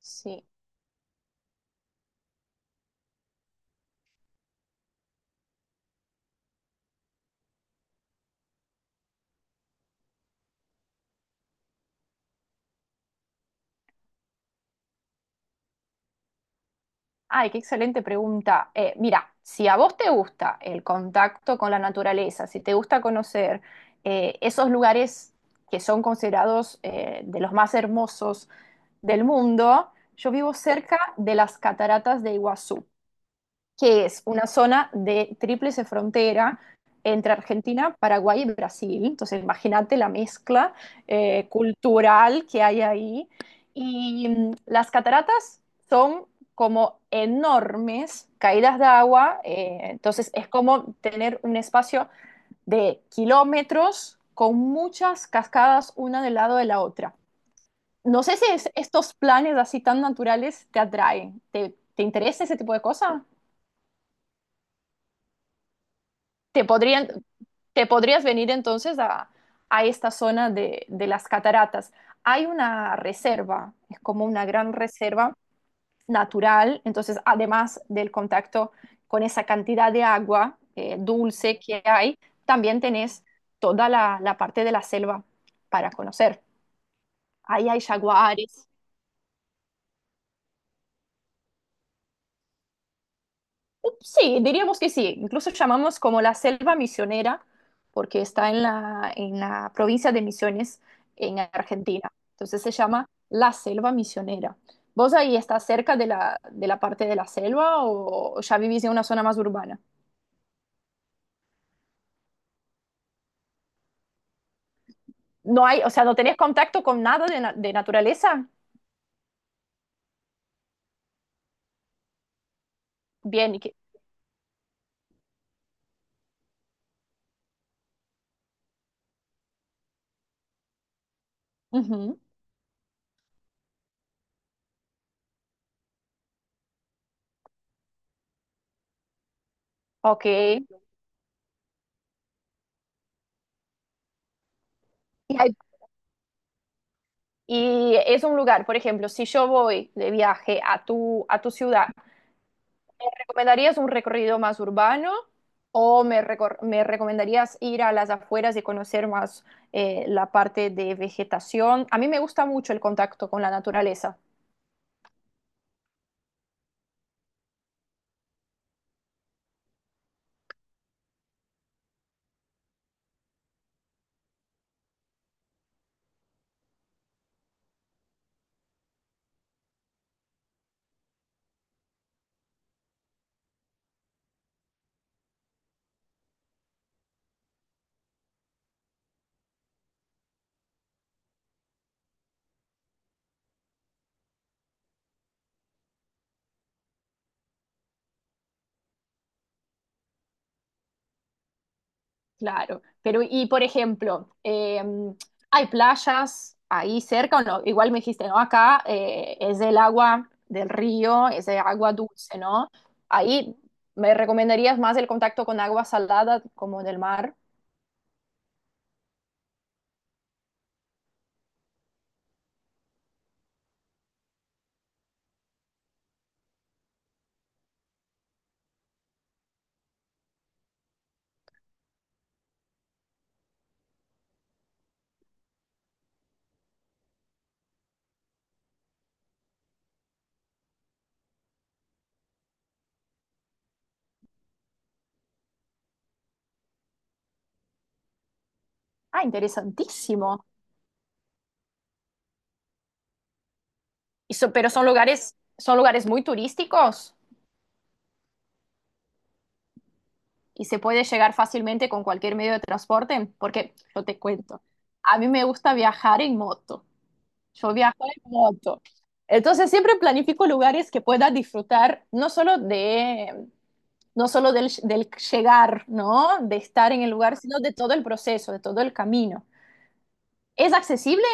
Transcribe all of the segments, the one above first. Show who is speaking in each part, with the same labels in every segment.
Speaker 1: Sí. Ay, qué excelente pregunta. Mira, si a vos te gusta el contacto con la naturaleza, si te gusta conocer esos lugares que son considerados de los más hermosos del mundo, yo vivo cerca de las cataratas de Iguazú, que es una zona de tríplice frontera entre Argentina, Paraguay y Brasil. Entonces, imagínate la mezcla cultural que hay ahí. Y las cataratas son como enormes caídas de agua, entonces es como tener un espacio de kilómetros con muchas cascadas una del lado de la otra. No sé si estos planes así tan naturales te atraen. Te interesa ese tipo de cosas? Te podrían, Te podrías venir entonces a esta zona de las cataratas. Hay una reserva, es como una gran reserva natural, entonces además del contacto con esa cantidad de agua dulce que hay, también tenés toda la, la parte de la selva para conocer. Ahí hay jaguares. Sí, diríamos que sí. Incluso llamamos como la selva misionera porque está en la provincia de Misiones en Argentina. Entonces se llama la selva misionera. ¿Vos ahí estás cerca de la parte de la selva o ya vivís en una zona más urbana? No hay, o sea, no tenés contacto con nada de, de naturaleza. Bien, ujú, ok. Hay- y es un lugar, por ejemplo, si yo voy de viaje a tu ciudad. ¿Me recomendarías un recorrido más urbano o me, me recomendarías ir a las afueras y conocer más la parte de vegetación? A mí me gusta mucho el contacto con la naturaleza. Claro, pero y por ejemplo, ¿hay playas ahí cerca o no? Igual me dijiste, ¿no? Acá es del agua del río, es de agua dulce, ¿no? Ahí me recomendarías más el contacto con agua salada como del mar. Ah, interesantísimo. Y pero son lugares muy turísticos y se puede llegar fácilmente con cualquier medio de transporte, porque yo te cuento, a mí me gusta viajar en moto. Yo viajo en moto. Entonces siempre planifico lugares que pueda disfrutar no solo de, no solo del, del llegar, ¿no? De estar en el lugar, sino de todo el proceso, de todo el camino. ¿Es accesible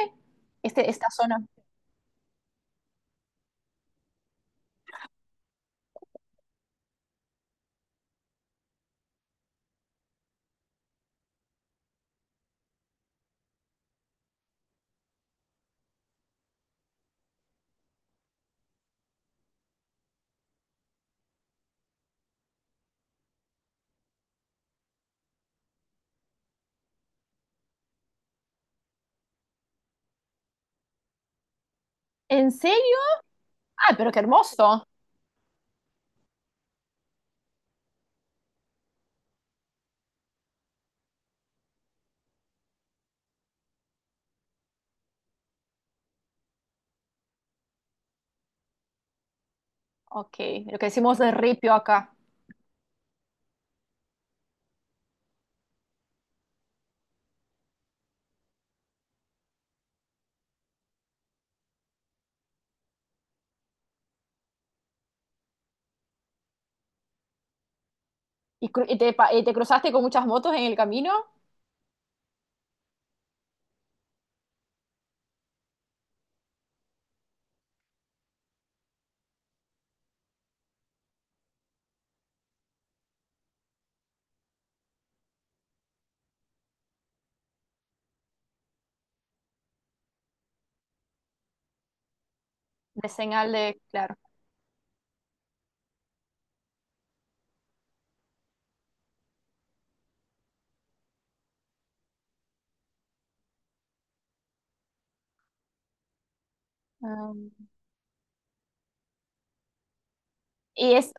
Speaker 1: este, esta zona? ¿En serio? Ah, pero qué hermoso. Ok, lo que decimos de ripio acá. ¿Y, y te, y te cruzaste con muchas motos en el camino? De señal de, claro. Ah. Y es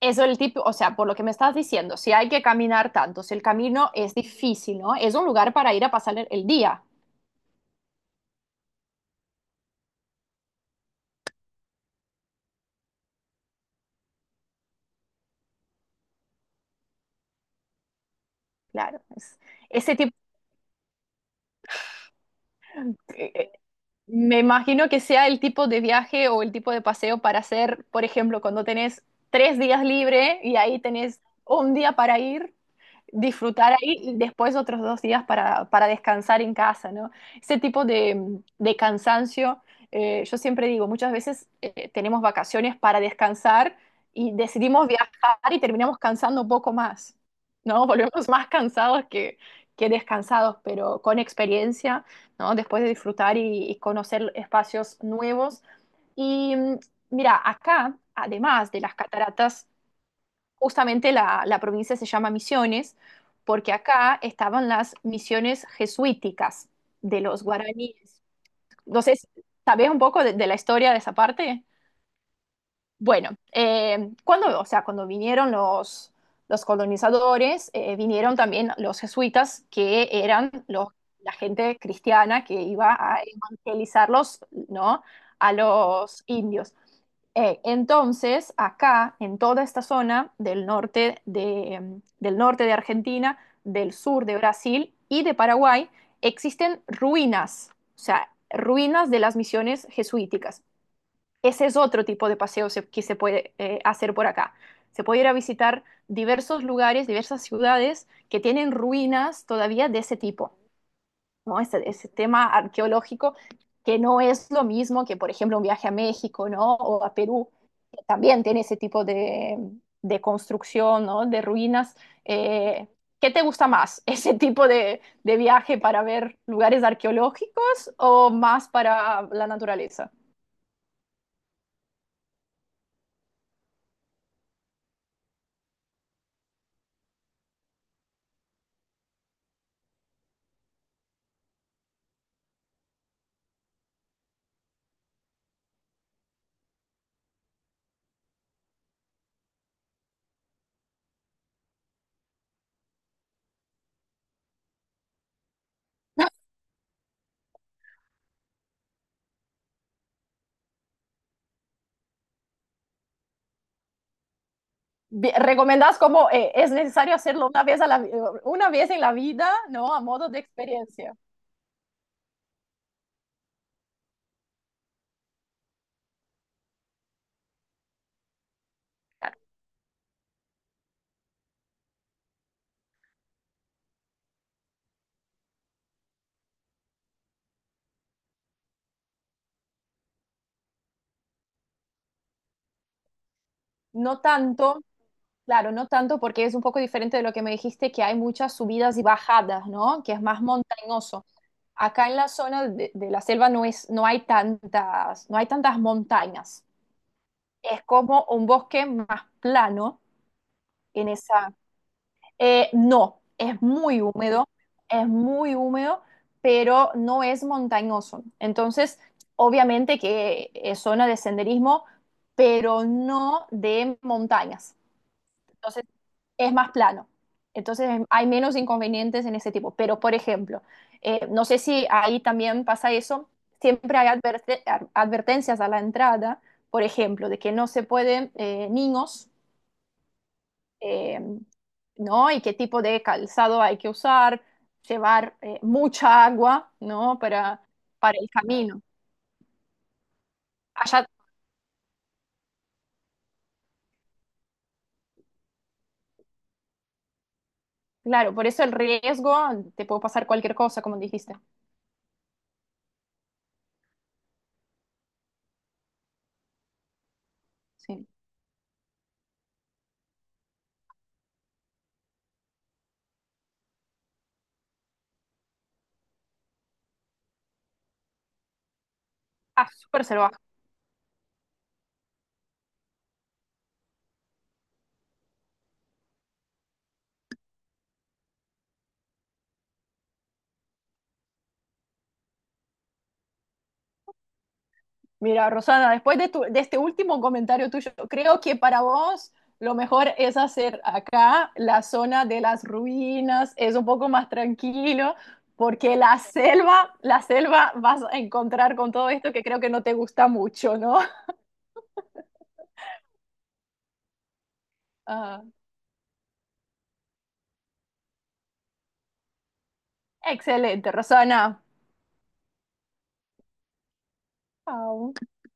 Speaker 1: eso el tipo, o sea, por lo que me estás diciendo, si hay que caminar tanto, si el camino es difícil, ¿no? Es un lugar para ir a pasar el día. Claro, es- Ese tipo, eh, eh, me imagino que sea el tipo de viaje o el tipo de paseo para hacer, por ejemplo, cuando tenés tres días libre y ahí tenés un día para ir, disfrutar ahí y después otros dos días para descansar en casa, ¿no? Ese tipo de cansancio. Yo siempre digo, muchas veces tenemos vacaciones para descansar y decidimos viajar y terminamos cansando un poco más, ¿no? Volvemos más cansados que descansados, pero con experiencia, ¿no? Después de disfrutar y conocer espacios nuevos. Y mira, acá, además de las cataratas, justamente la, la provincia se llama Misiones, porque acá estaban las misiones jesuíticas de los guaraníes. No sé, si- ¿Sabés un poco de la historia de esa parte? Bueno, cuando, o sea, cuando vinieron los colonizadores, vinieron también los jesuitas, que eran los, la gente cristiana que iba a evangelizarlos, ¿no? A los indios. Entonces, acá, en toda esta zona del norte de, del norte de Argentina, del sur de Brasil y de Paraguay, existen ruinas, o sea, ruinas de las misiones jesuíticas. Ese es otro tipo de paseo que se puede hacer por acá. Se puede ir a visitar diversos lugares, diversas ciudades que tienen ruinas todavía de ese tipo, ¿no? Ese tema arqueológico que no es lo mismo que, por ejemplo, un viaje a México, ¿no? O a Perú, que también tiene ese tipo de construcción, ¿no? De ruinas. Eh, ¿Qué te gusta más? ¿Ese tipo de viaje para ver lugares arqueológicos o más para la naturaleza? ¿Recomendás cómo es necesario hacerlo una vez, una vez en la vida, ¿no? A modo de experiencia. No tanto, claro, no tanto porque es un poco diferente de lo que me dijiste, que hay muchas subidas y bajadas, ¿no? Que es más montañoso. Acá en la zona de la selva no es, no hay tantas, no hay tantas montañas. Es como un bosque más plano en esa, no, es muy húmedo, pero no es montañoso. Entonces, obviamente que es zona de senderismo, pero no de montañas. Entonces, es más plano. Entonces, hay menos inconvenientes en ese tipo. Pero, por ejemplo, no sé si ahí también pasa eso, siempre hay advertencias a la entrada, por ejemplo, de que no se pueden niños eh, ¿no? Y qué tipo de calzado hay que usar, llevar mucha agua, ¿no? Para el camino. Allá, claro, por eso el riesgo, te puede pasar cualquier cosa, como dijiste. Sí. Ah, súper salvaje. Mira, Rosana, después de, de este último comentario tuyo, creo que para vos lo mejor es hacer acá la zona de las ruinas, es un poco más tranquilo, porque la selva vas a encontrar con todo esto que creo que no te gusta mucho, ¿no? Ah, excelente, Rosana. Au.